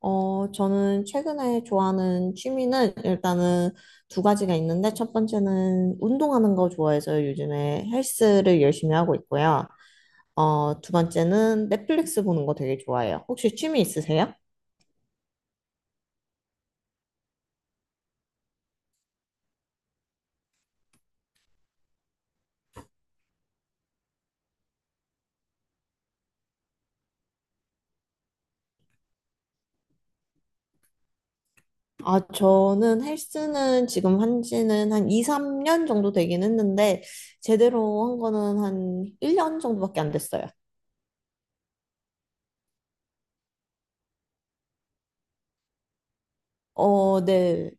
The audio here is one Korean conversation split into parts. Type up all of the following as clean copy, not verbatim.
어, 저는 최근에 좋아하는 취미는 일단은 두 가지가 있는데, 첫 번째는 운동하는 거 좋아해서 요즘에 헬스를 열심히 하고 있고요. 어, 두 번째는 넷플릭스 보는 거 되게 좋아해요. 혹시 취미 있으세요? 아, 저는 헬스는 지금 한 지는 한 2, 3년 정도 되긴 했는데, 제대로 한 거는 한 1년 정도밖에 안 됐어요. 어, 네.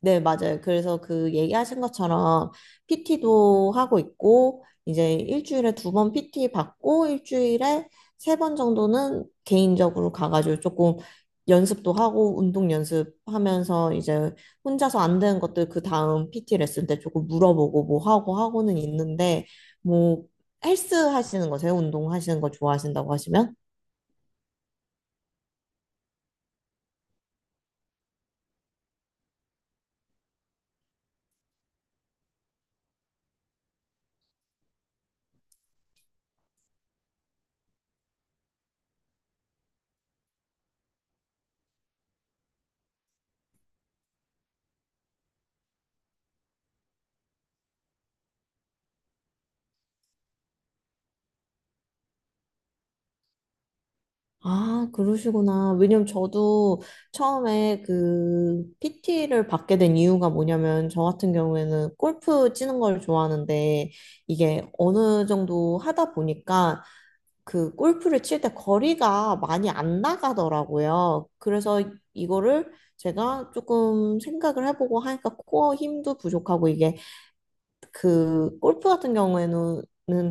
네, 맞아요. 그래서 그 얘기하신 것처럼 PT도 하고 있고, 이제 일주일에 두 번 PT 받고, 일주일에 세 번 정도는 개인적으로 가가지고 조금 연습도 하고, 운동 연습하면서 이제 혼자서 안 되는 것들 그 다음 PT 레슨 때 조금 물어보고 뭐 하고 하고는 있는데, 뭐, 헬스 하시는 거세요? 운동 하시는 거 좋아하신다고 하시면? 아, 그러시구나. 왜냐면 저도 처음에 그 PT를 받게 된 이유가 뭐냐면, 저 같은 경우에는 골프 치는 걸 좋아하는데, 이게 어느 정도 하다 보니까 그 골프를 칠 때 거리가 많이 안 나가더라고요. 그래서 이거를 제가 조금 생각을 해보고 하니까 코어 힘도 부족하고, 이게 그 골프 같은 경우에는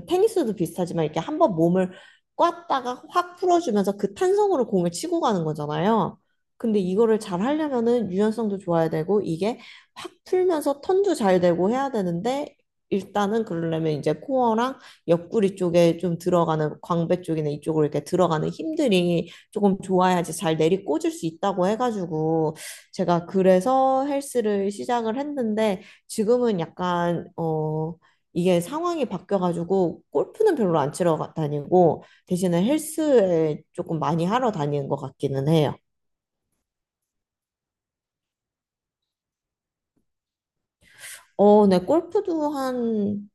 테니스도 비슷하지만, 이렇게 한번 몸을 꽉다가 확 풀어주면서 그 탄성으로 공을 치고 가는 거잖아요. 근데 이거를 잘 하려면은 유연성도 좋아야 되고, 이게 확 풀면서 턴도 잘 되고 해야 되는데, 일단은 그러려면 이제 코어랑 옆구리 쪽에 좀 들어가는 광배 쪽이나 이쪽으로 이렇게 들어가는 힘들이 조금 좋아야지 잘 내리 꽂을 수 있다고 해가지고 제가 그래서 헬스를 시작을 했는데, 지금은 약간 어 이게 상황이 바뀌어가지고 골프는 별로 안 치러 다니고 대신에 헬스에 조금 많이 하러 다니는 것 같기는 해요. 어, 네, 골프도 한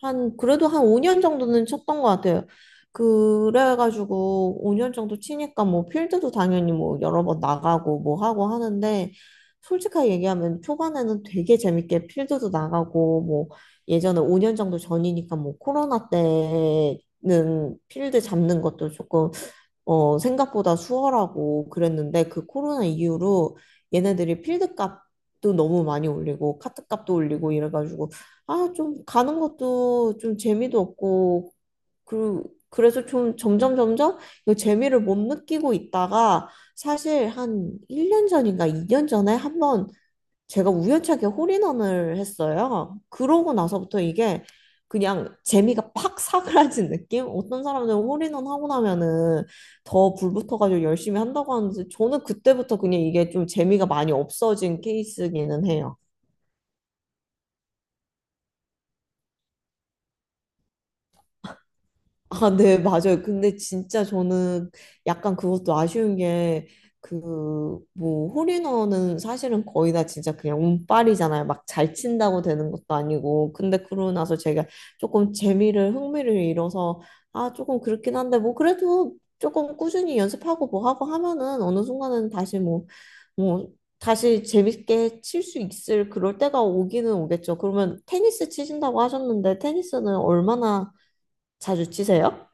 그래도 한 5년 정도는 쳤던 것 같아요. 그래가지고 5년 정도 치니까 뭐 필드도 당연히 뭐 여러 번 나가고 뭐 하고 하는데, 솔직하게 얘기하면 초반에는 되게 재밌게 필드도 나가고 뭐, 예전에 5년 정도 전이니까 뭐 코로나 때는 필드 잡는 것도 조금 어, 생각보다 수월하고 그랬는데, 그 코로나 이후로 얘네들이 필드 값도 너무 많이 올리고 카트 값도 올리고 이래가지고, 아, 좀 가는 것도 좀 재미도 없고, 그 그래서 좀 점점 점점 이 재미를 못 느끼고 있다가, 사실 한 1년 전인가 2년 전에 한번 제가 우연찮게 홀인원을 했어요. 그러고 나서부터 이게 그냥 재미가 팍 사그라진 느낌? 어떤 사람들은 홀인원 하고 나면은 더 불붙어가지고 열심히 한다고 하는데, 저는 그때부터 그냥 이게 좀 재미가 많이 없어진 케이스기는 해요. 아, 네, 맞아요. 근데 진짜 저는 약간 그것도 아쉬운 게, 그, 뭐, 홀인원은 사실은 거의 다 진짜 그냥 운빨이잖아요. 막 잘 친다고 되는 것도 아니고. 근데 그러고 나서 제가 조금 재미를, 흥미를 잃어서, 아, 조금 그렇긴 한데, 뭐, 그래도 조금 꾸준히 연습하고 뭐 하고 하면은 어느 순간은 다시 뭐, 다시 재밌게 칠 수 있을 그럴 때가 오기는 오겠죠. 그러면 테니스 치신다고 하셨는데, 테니스는 얼마나 자주 치세요?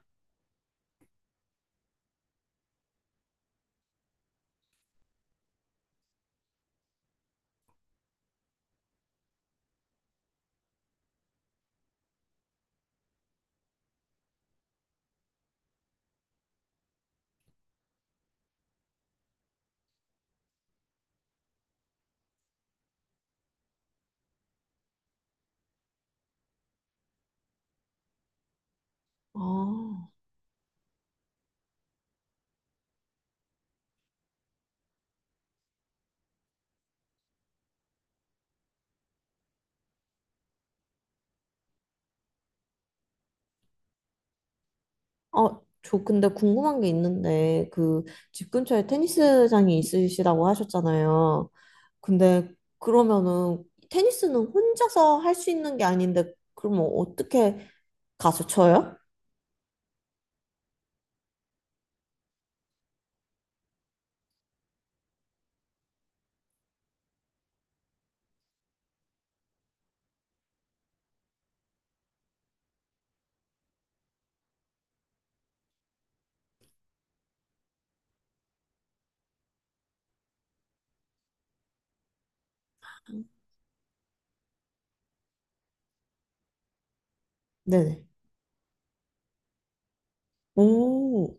아, 아, 저 근데 궁금한 게 있는데, 그 집 근처에 테니스장이 있으시다고 하셨잖아요. 근데 그러면은 테니스는 혼자서 할 수 있는 게 아닌데, 그러면 어떻게 가서 쳐요? 네네. 오,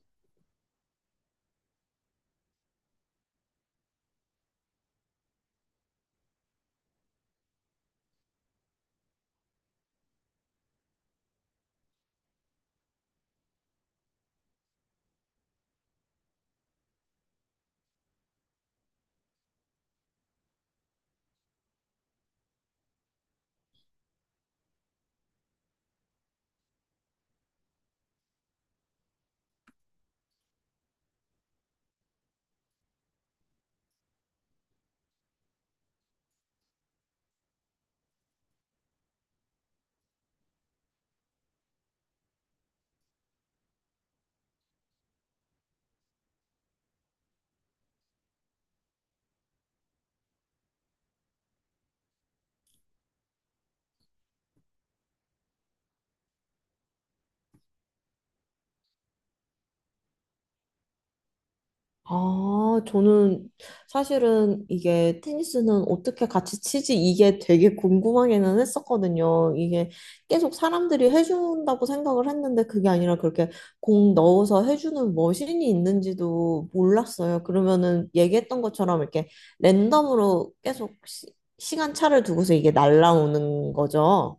아, 저는 사실은 이게 테니스는 어떻게 같이 치지? 이게 되게 궁금하기는 했었거든요. 이게 계속 사람들이 해준다고 생각을 했는데, 그게 아니라 그렇게 공 넣어서 해주는 머신이 있는지도 몰랐어요. 그러면은 얘기했던 것처럼 이렇게 랜덤으로 계속 시간 차를 두고서 이게 날라오는 거죠.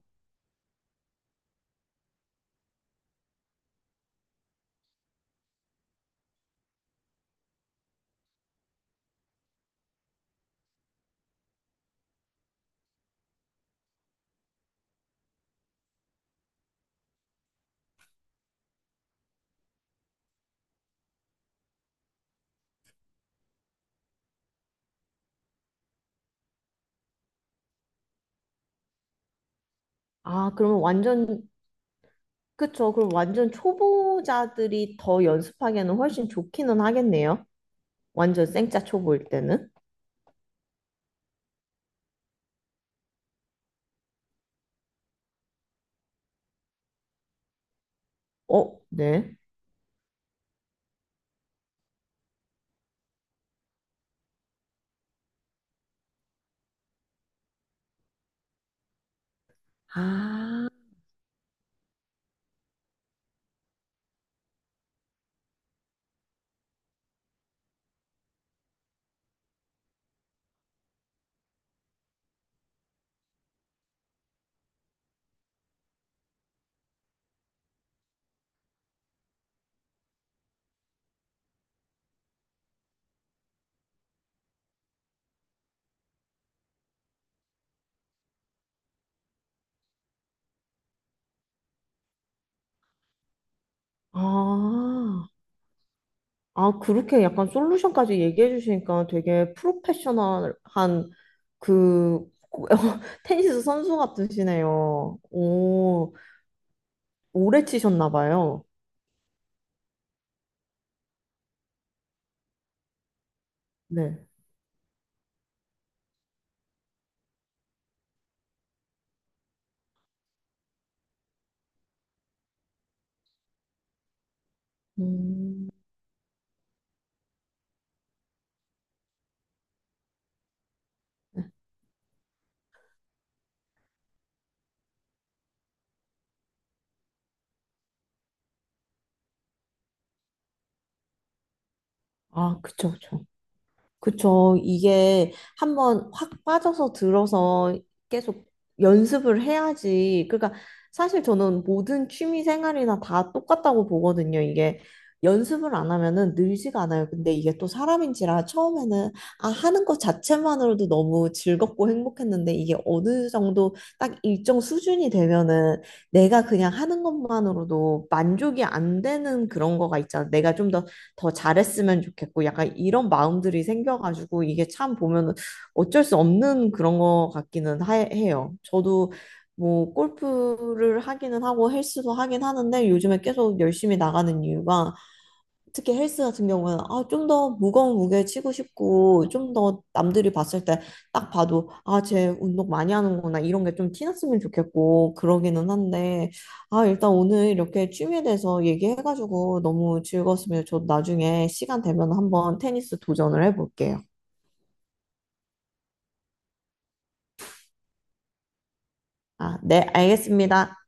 아, 그러면 완전, 그쵸. 그럼 완전 초보자들이 더 연습하기에는 훨씬 좋기는 하겠네요. 완전 생짜 초보일 때는? 어, 네. 아, 아, 아, 그렇게 약간 솔루션까지 얘기해 주시니까 되게 프로페셔널한 그 테니스 선수 같으시네요. 오, 오래 치셨나 봐요. 네. 음, 아, 그쵸, 그쵸. 그쵸. 이게 한번 확 빠져서 들어서 계속 연습을 해야지. 그러니까 사실 저는 모든 취미 생활이나 다 똑같다고 보거든요. 이게 연습을 안 하면은 늘지가 않아요. 근데 이게 또 사람인지라 처음에는 아, 하는 것 자체만으로도 너무 즐겁고 행복했는데, 이게 어느 정도 딱 일정 수준이 되면은 내가 그냥 하는 것만으로도 만족이 안 되는 그런 거가 있잖아. 내가 좀더 더 잘했으면 좋겠고 약간 이런 마음들이 생겨가지고 이게 참 보면 어쩔 수 없는 그런 것 같기는 해요. 저도 뭐 골프를 하기는 하고 헬스도 하긴 하는데, 요즘에 계속 열심히 나가는 이유가 특히 헬스 같은 경우는 아, 좀 더 무거운 무게 치고 싶고, 좀 더 남들이 봤을 때 딱 봐도 아, 쟤 운동 많이 하는구나 이런 게 좀 티났으면 좋겠고 그러기는 한데, 아, 일단 오늘 이렇게 취미에 대해서 얘기해가지고 너무 즐거웠으면 저 나중에 시간 되면 한번 테니스 도전을 해볼게요. 아, 네, 알겠습니다.